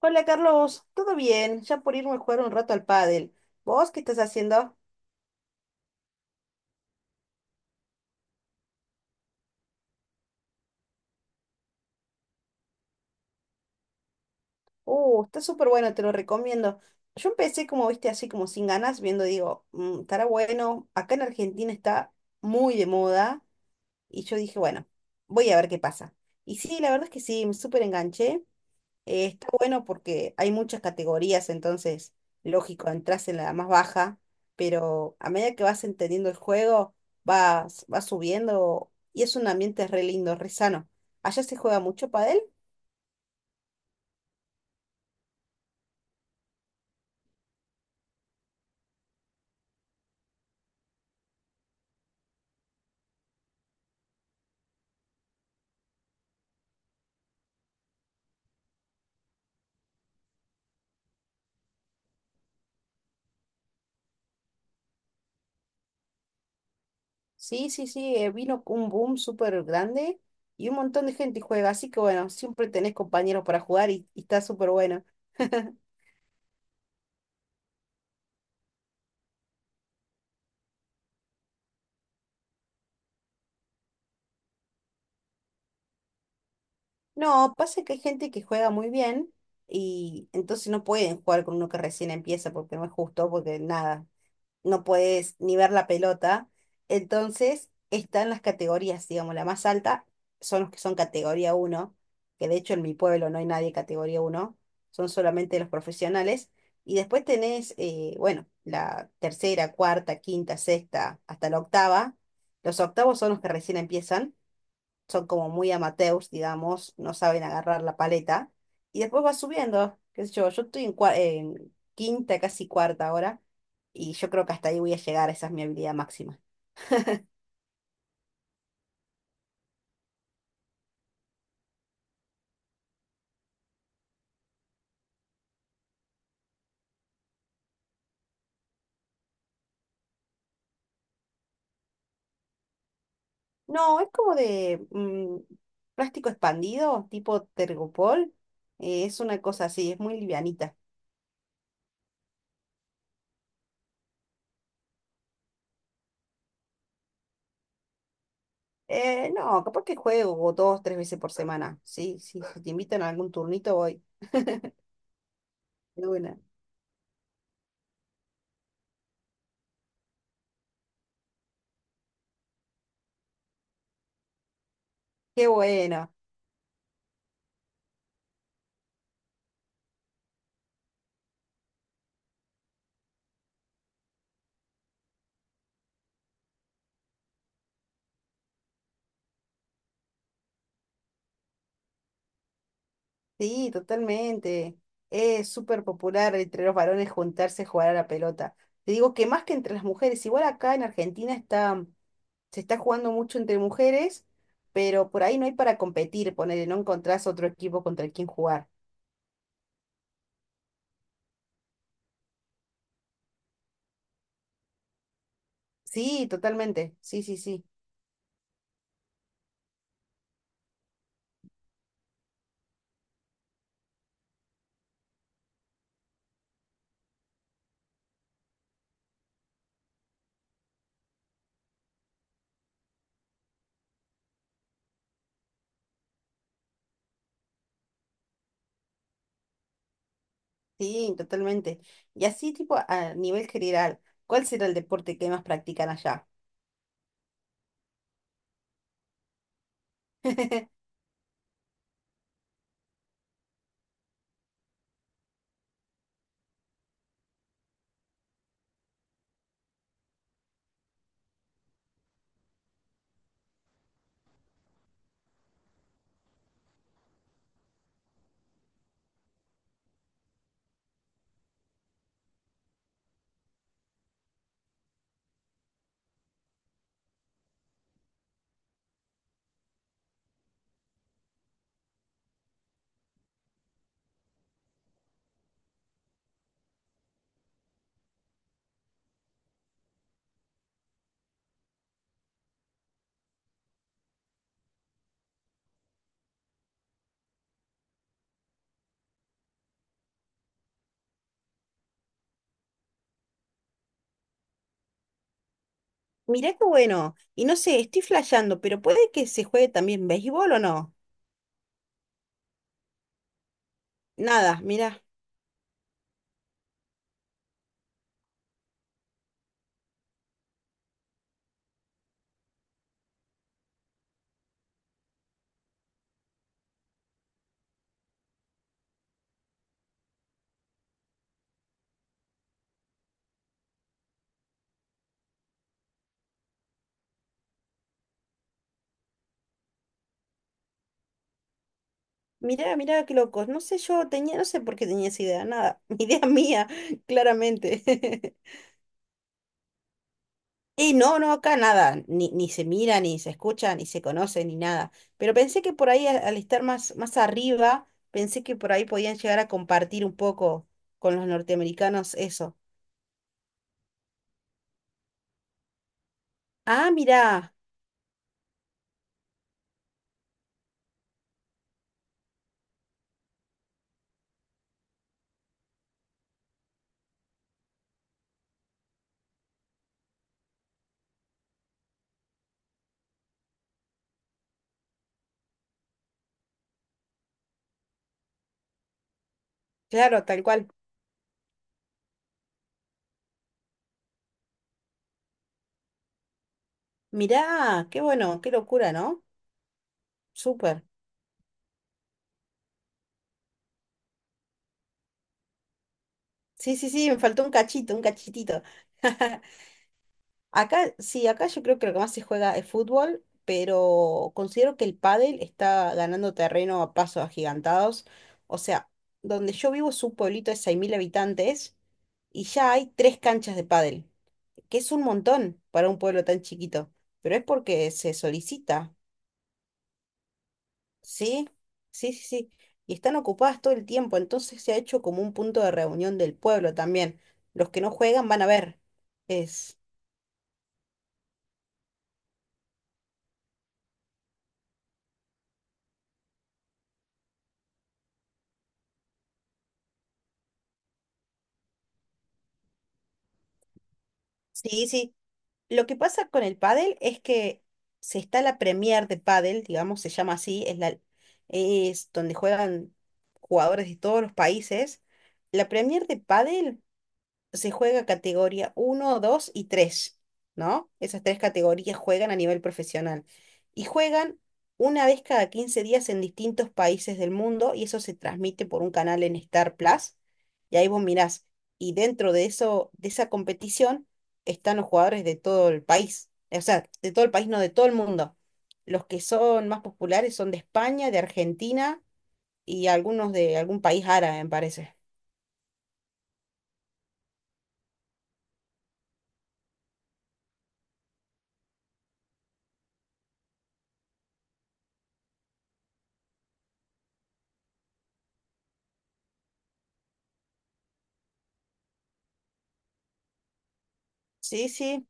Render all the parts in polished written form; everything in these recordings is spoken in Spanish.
Hola Carlos, ¿todo bien? Ya por irme a jugar un rato al pádel. ¿Vos qué estás haciendo? Está súper bueno, te lo recomiendo. Yo empecé como viste, así como sin ganas, viendo, digo, "Mm, estará bueno. Acá en Argentina está muy de moda y yo dije, bueno, voy a ver qué pasa. Y sí, la verdad es que sí, me súper enganché". Está bueno porque hay muchas categorías, entonces, lógico, entras en la más baja, pero a medida que vas entendiendo el juego, vas subiendo y es un ambiente re lindo, re sano. ¿Allá se juega mucho pádel? Sí, sí, sí, vino un boom súper grande y un montón de gente juega, así que bueno, siempre tenés compañeros para jugar y está súper bueno. No, pasa que hay gente que juega muy bien y entonces no pueden jugar con uno que recién empieza porque no es justo, porque nada. No puedes ni ver la pelota. Entonces están las categorías, digamos, la más alta son los que son categoría uno, que de hecho en mi pueblo no hay nadie categoría uno. Son solamente los profesionales. Y después tenés, bueno, la tercera, cuarta, quinta, sexta, hasta la octava. Los octavos son los que recién empiezan, son como muy amateurs, digamos, no saben agarrar la paleta. Y después va subiendo, qué sé yo, yo estoy en, en quinta, casi cuarta ahora, y yo creo que hasta ahí voy a llegar, esa es mi habilidad máxima. No, es como de plástico expandido, tipo Tergopol, es una cosa así, es muy livianita. No, capaz que juego dos, tres veces por semana, sí, sí, si te invitan a algún turnito voy. De una. Qué bueno. Sí, totalmente. Es súper popular entre los varones juntarse a jugar a la pelota. Te digo que más que entre las mujeres, igual acá en Argentina está, se está jugando mucho entre mujeres, pero por ahí no hay para competir, ponele, no encontrás otro equipo contra el quien jugar. Sí, totalmente. Sí, sí, sí. Sí, totalmente. Y así, tipo, a nivel general, ¿cuál será el deporte que más practican allá? Mirá qué bueno. Y no sé, estoy flasheando, pero puede que se juegue también béisbol o no. Nada, mirá. Mirá, mirá, qué locos. No sé, yo tenía, no sé por qué tenía esa idea, nada. Idea mía, claramente. Y no, no, acá nada, ni se mira, ni se escucha, ni se conoce, ni nada. Pero pensé que por ahí, al estar más arriba, pensé que por ahí podían llegar a compartir un poco con los norteamericanos eso. Ah, mirá, claro, tal cual. Mirá, qué bueno, qué locura, ¿no? Súper. Sí, sí, sí, me faltó un cachito, un cachitito. Acá, sí, acá yo creo que lo que más se juega es fútbol, pero considero que el pádel está ganando terreno a pasos agigantados. O sea, donde yo vivo es un pueblito de 6.000 habitantes y ya hay tres canchas de pádel, que es un montón para un pueblo tan chiquito, pero es porque se solicita, ¿sí? Sí, sí, sí. Y están ocupadas todo el tiempo, entonces se ha hecho como un punto de reunión del pueblo también. Los que no juegan van a ver. Es... Sí, sí. Lo que pasa con el pádel es que se está la Premier de pádel, digamos, se llama así, es la, es donde juegan jugadores de todos los países. La Premier de pádel se juega categoría uno, 2 y tres, ¿no? Esas tres categorías juegan a nivel profesional. Y juegan una vez cada 15 días en distintos países del mundo y eso se transmite por un canal en Star Plus. Y ahí vos mirás. Y dentro de eso, de esa competición, están los jugadores de todo el país. O sea, de todo el país, no de todo el mundo. Los que son más populares son de España, de Argentina y algunos de algún país árabe, me parece. Sí, sí.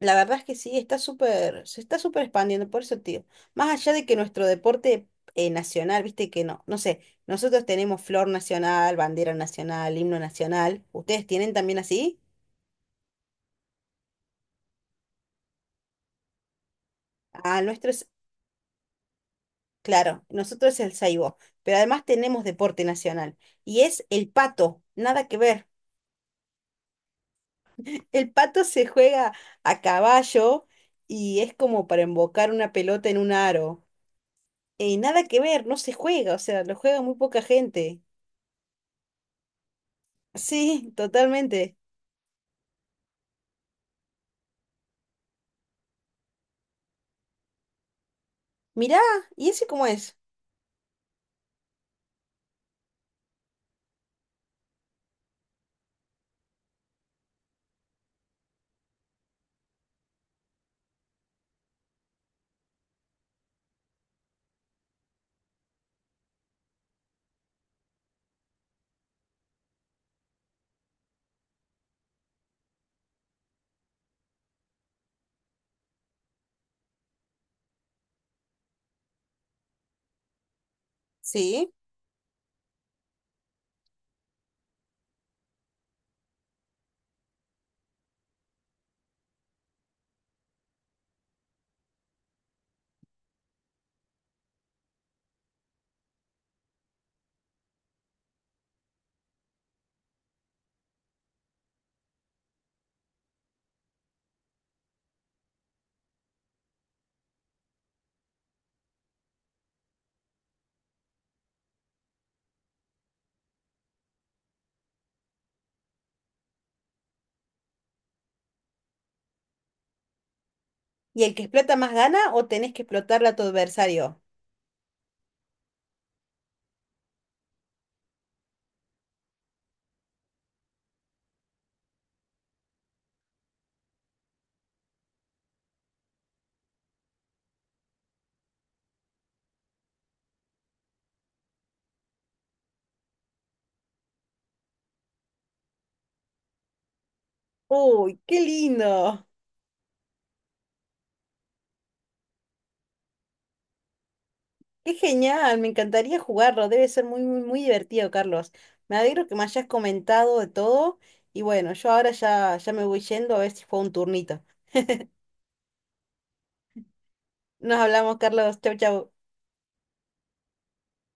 La verdad es que sí, está súper, se está súper expandiendo, por eso, tío. Más allá de que nuestro deporte nacional, viste que no, no sé, nosotros tenemos flor nacional, bandera nacional, himno nacional. ¿Ustedes tienen también así? Ah, nuestro es, claro, nosotros es el saibo, pero además tenemos deporte nacional y es el pato, nada que ver. El pato se juega a caballo y es como para embocar una pelota en un aro. Y nada que ver, no se juega, o sea, lo juega muy poca gente. Sí, totalmente. Mirá, ¿y ese cómo es? Sí. ¿Y el que explota más gana o tenés que explotarle a tu adversario? Uy, qué lindo. Qué genial, me encantaría jugarlo. Debe ser muy, muy, muy divertido, Carlos. Me alegro que me hayas comentado de todo. Y bueno, yo ahora ya, ya me voy yendo a ver si fue un turnito. Nos hablamos, Carlos. Chau, chau.